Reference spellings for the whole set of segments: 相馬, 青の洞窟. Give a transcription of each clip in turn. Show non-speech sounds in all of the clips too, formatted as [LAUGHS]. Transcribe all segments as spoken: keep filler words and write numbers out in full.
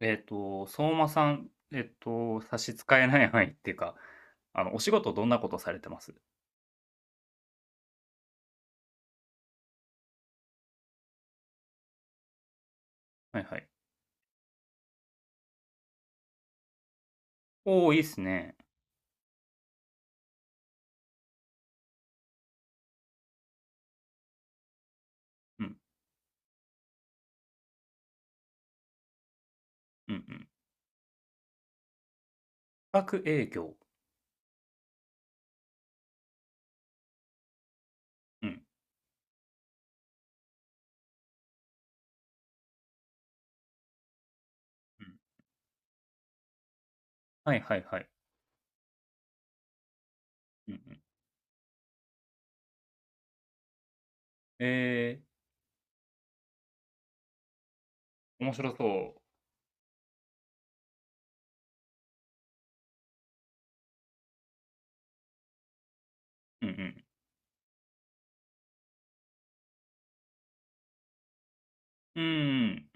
えっと、相馬さん、えっと、差し支えない範囲っていうか、あの、お仕事どんなことされてます？はいはい。おーいいっすね。うん、うん、うん。企画営業。うん、うん。はいはいはい。うん、うん。えー、面白そう。うん、うん。うん。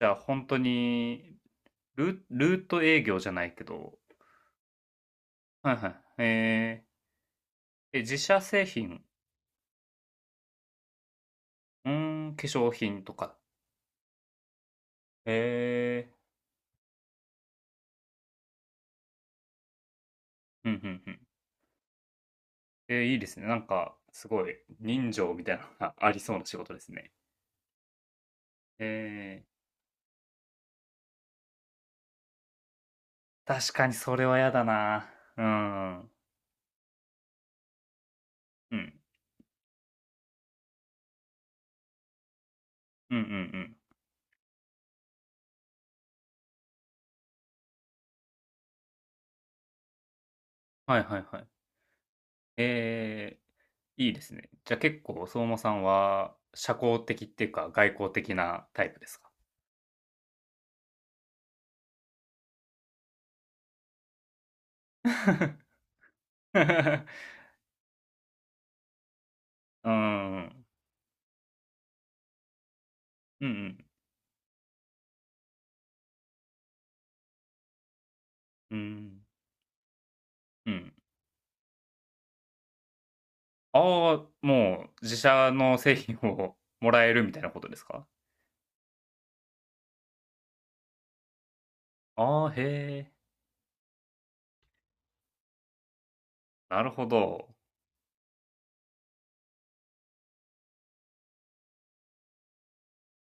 じゃあ、本当に、ル、ルート営業じゃないけど、はいはい。えー、え、自社製品、うーん、化粧品とか。えー、うん、うん、うん。えー、いいですね。なんか、すごい、人情みたいなのが [LAUGHS] ありそうな仕事ですね。えー、確かにそれは嫌だな。うん。うん。うんうんうん。はいはいはい。えー、いいですね。じゃあ結構、相馬さんは、社交的っていうか、外交的なタイプですか？ [LAUGHS] うん。うんうん。うん。うん。ああ、もう、自社の製品をもらえるみたいなことですか？ああー、へえ。なるほど。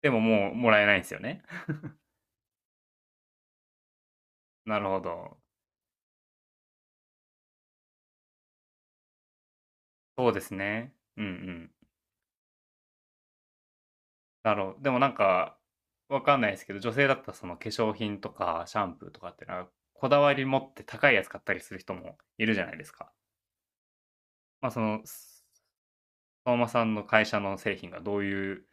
でももうもらえないんですよね。[LAUGHS] なるほど。そうですね。うんうん。なるほど。でもなんか、わかんないですけど、女性だったらその化粧品とかシャンプーとかってなんか、こだわり持って高いやつ買ったりする人もいるじゃないですか。まあ、その、相馬さんの会社の製品がどういう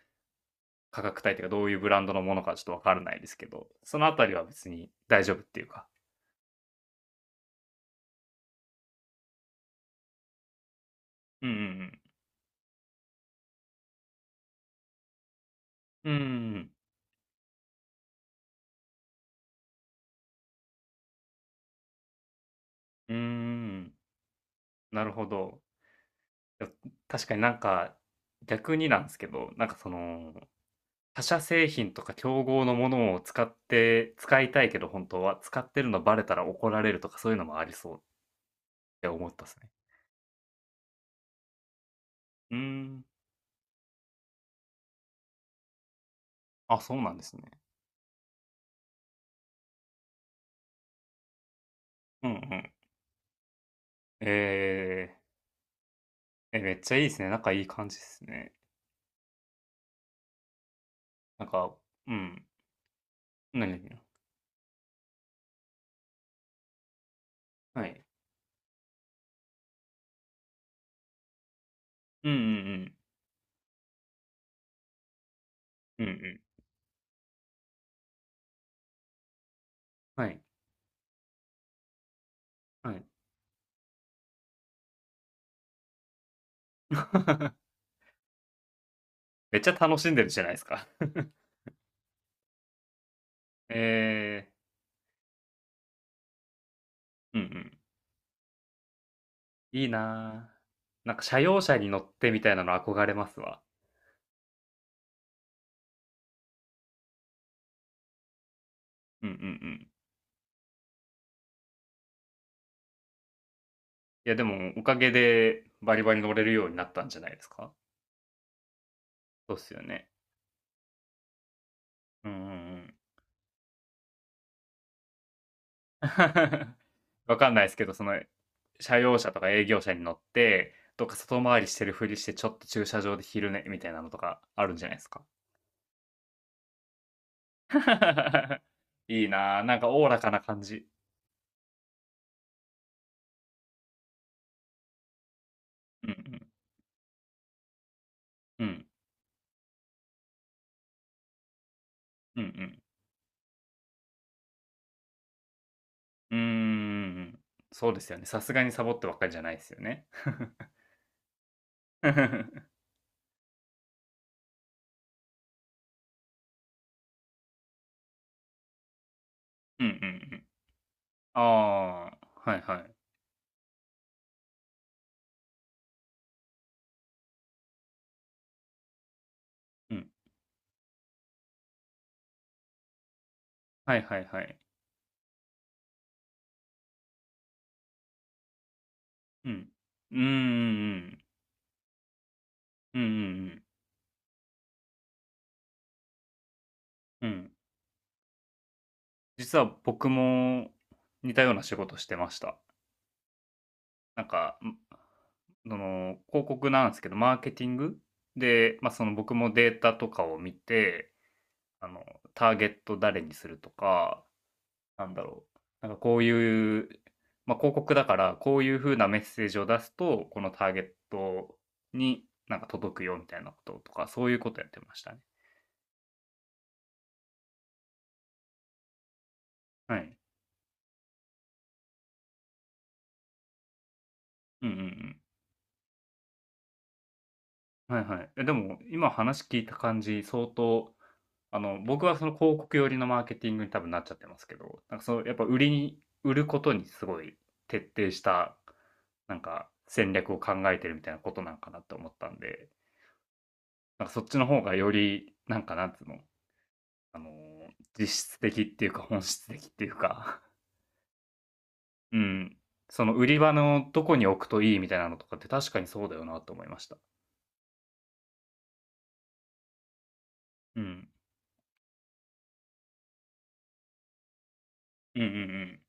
価格帯というか、どういうブランドのものかちょっとわからないですけど、そのあたりは別に大丈夫っていうか。うんうんうん。うんうんうん。うーん。なるほど。や、確かになんか、逆になんですけど、なんかその、他社製品とか競合のものを使って、使いたいけど本当は、使ってるのバレたら怒られるとかそういうのもありそうって思ったですね。うーん。あ、そうなんですね。うんうん。ええ、え、めっちゃいいですね。仲いい感じですね。なんか、うん。何になはい。うんうんうん。うんうん。はい。はい。[LAUGHS] めっちゃ楽しんでるじゃないですか。[LAUGHS] ええ、うんうん。いいなあ。なんか社用車に乗ってみたいなの憧れますわ。うんうんうん。いやでもおかげでバリバリ乗れるようになったんじゃないですか？そうっすよね。うんうんうん。[LAUGHS] わかんないですけど、その、社用車とか営業車に乗って、どっか外回りしてるふりして、ちょっと駐車場で昼寝みたいなのとかあるんじゃないですか？ [LAUGHS] いいなあ、なんかおおらかな感じ。うんうん。うんうんうん。うーん。そうですよね。さすがにサボってばっかりじゃないですよね。[LAUGHS] [LAUGHS] うんうんうん。ああ、はいはい。うん。はいはいはい。うん。うんうんうん。うんうんうん。うん。実は僕も似たような仕事してました。なんか、んその、広告なんですけど、マーケティングで、ま、その、僕もデータとかを見て、あの、ターゲット誰にするとか、なんだろう。なんかこういう、まあ、広告だから、こういう風なメッセージを出すと、このターゲットになんか届くよみたいなこととか、そういうことやってましたね。はい。うんうんうん。はいはい。え、でも、今話聞いた感じ、相当、あの、僕はその広告寄りのマーケティングに多分なっちゃってますけど、なんかその、やっぱ売りに、売ることにすごい徹底した、なんか戦略を考えてるみたいなことなんかなって思ったんで、なんかそっちの方がより、なんかなんつうの、あの実質的っていうか本質的っていうか、 [LAUGHS] うん、その売り場のどこに置くといいみたいなのとかって確かにそうだよなと思いました。うん。うんうん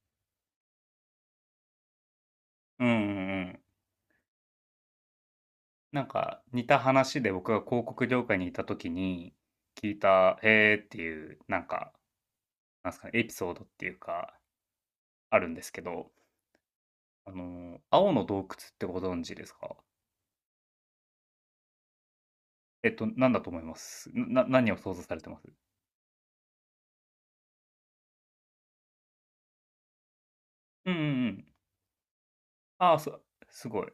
うん。うんうんうん。なんか似た話で僕が広告業界にいた時に聞いた「へー」っていう、なんかなんですかね、エピソードっていうかあるんですけど、あの青の洞窟ってご存知ですか？えっとなんだと思います？なな何を想像されてます？うんうんうん。ああ、そすごい。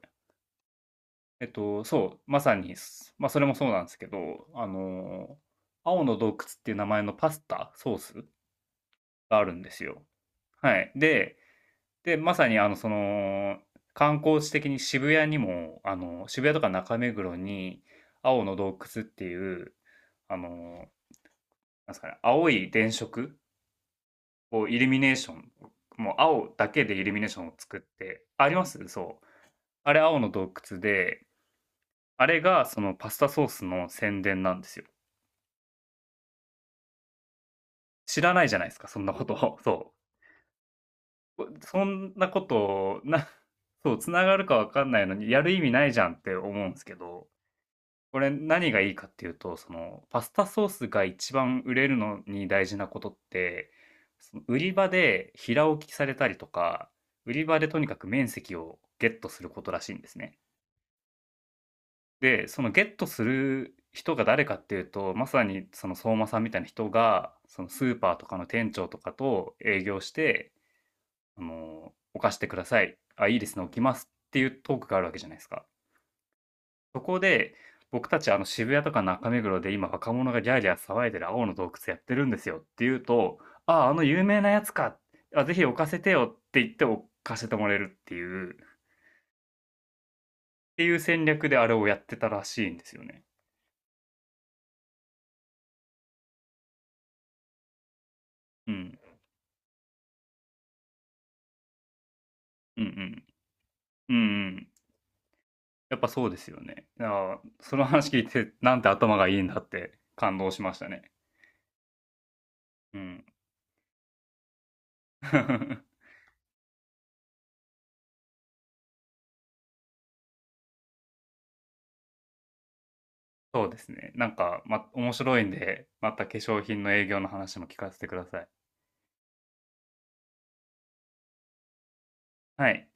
えっと、そう、まさにす、まあ、それもそうなんですけど、あの、青の洞窟っていう名前のパスタ、ソースがあるんですよ。はい。で、で、まさに、あの、その、観光地的に渋谷にも、あの、渋谷とか中目黒に、青の洞窟っていう、あの、なんですかね、青い電飾をイルミネーション、もう青だけでイルミネーションを作って、あります。そう。あれ青の洞窟で、あれがそのパスタソースの宣伝なんですよ。知らないじゃないですか、そんなことを。そう。そんなことを、な [LAUGHS] そう、繋がるかわかんないのに、やる意味ないじゃんって思うんですけど、これ何がいいかっていうと、その、パスタソースが一番売れるのに大事なことって、その売り場で平置きされたりとか、売り場でとにかく面積をゲットすることらしいんですね。で、そのゲットする人が誰かっていうと、まさにその相馬さんみたいな人が、そのスーパーとかの店長とかと営業して、あの、犯してください。あ、いいですね、置きますっていうトークがあるわけじゃないですか。そこで、僕たちあの渋谷とか中目黒で今若者がギャーギャー騒いでる青の洞窟やってるんですよっていうと、ああ、あの有名なやつか。あ、ぜひ置かせてよって言って置かせてもらえるっていう、っていう戦略であれをやってたらしいんですよね。うん。うんうん。うんうん。やっぱそうですよね。ああ、その話聞いて、なんて頭がいいんだって感動しましたね。うん。[LAUGHS] そうですね。なんか、ま、面白いんで、また化粧品の営業の話も聞かせてください。はい。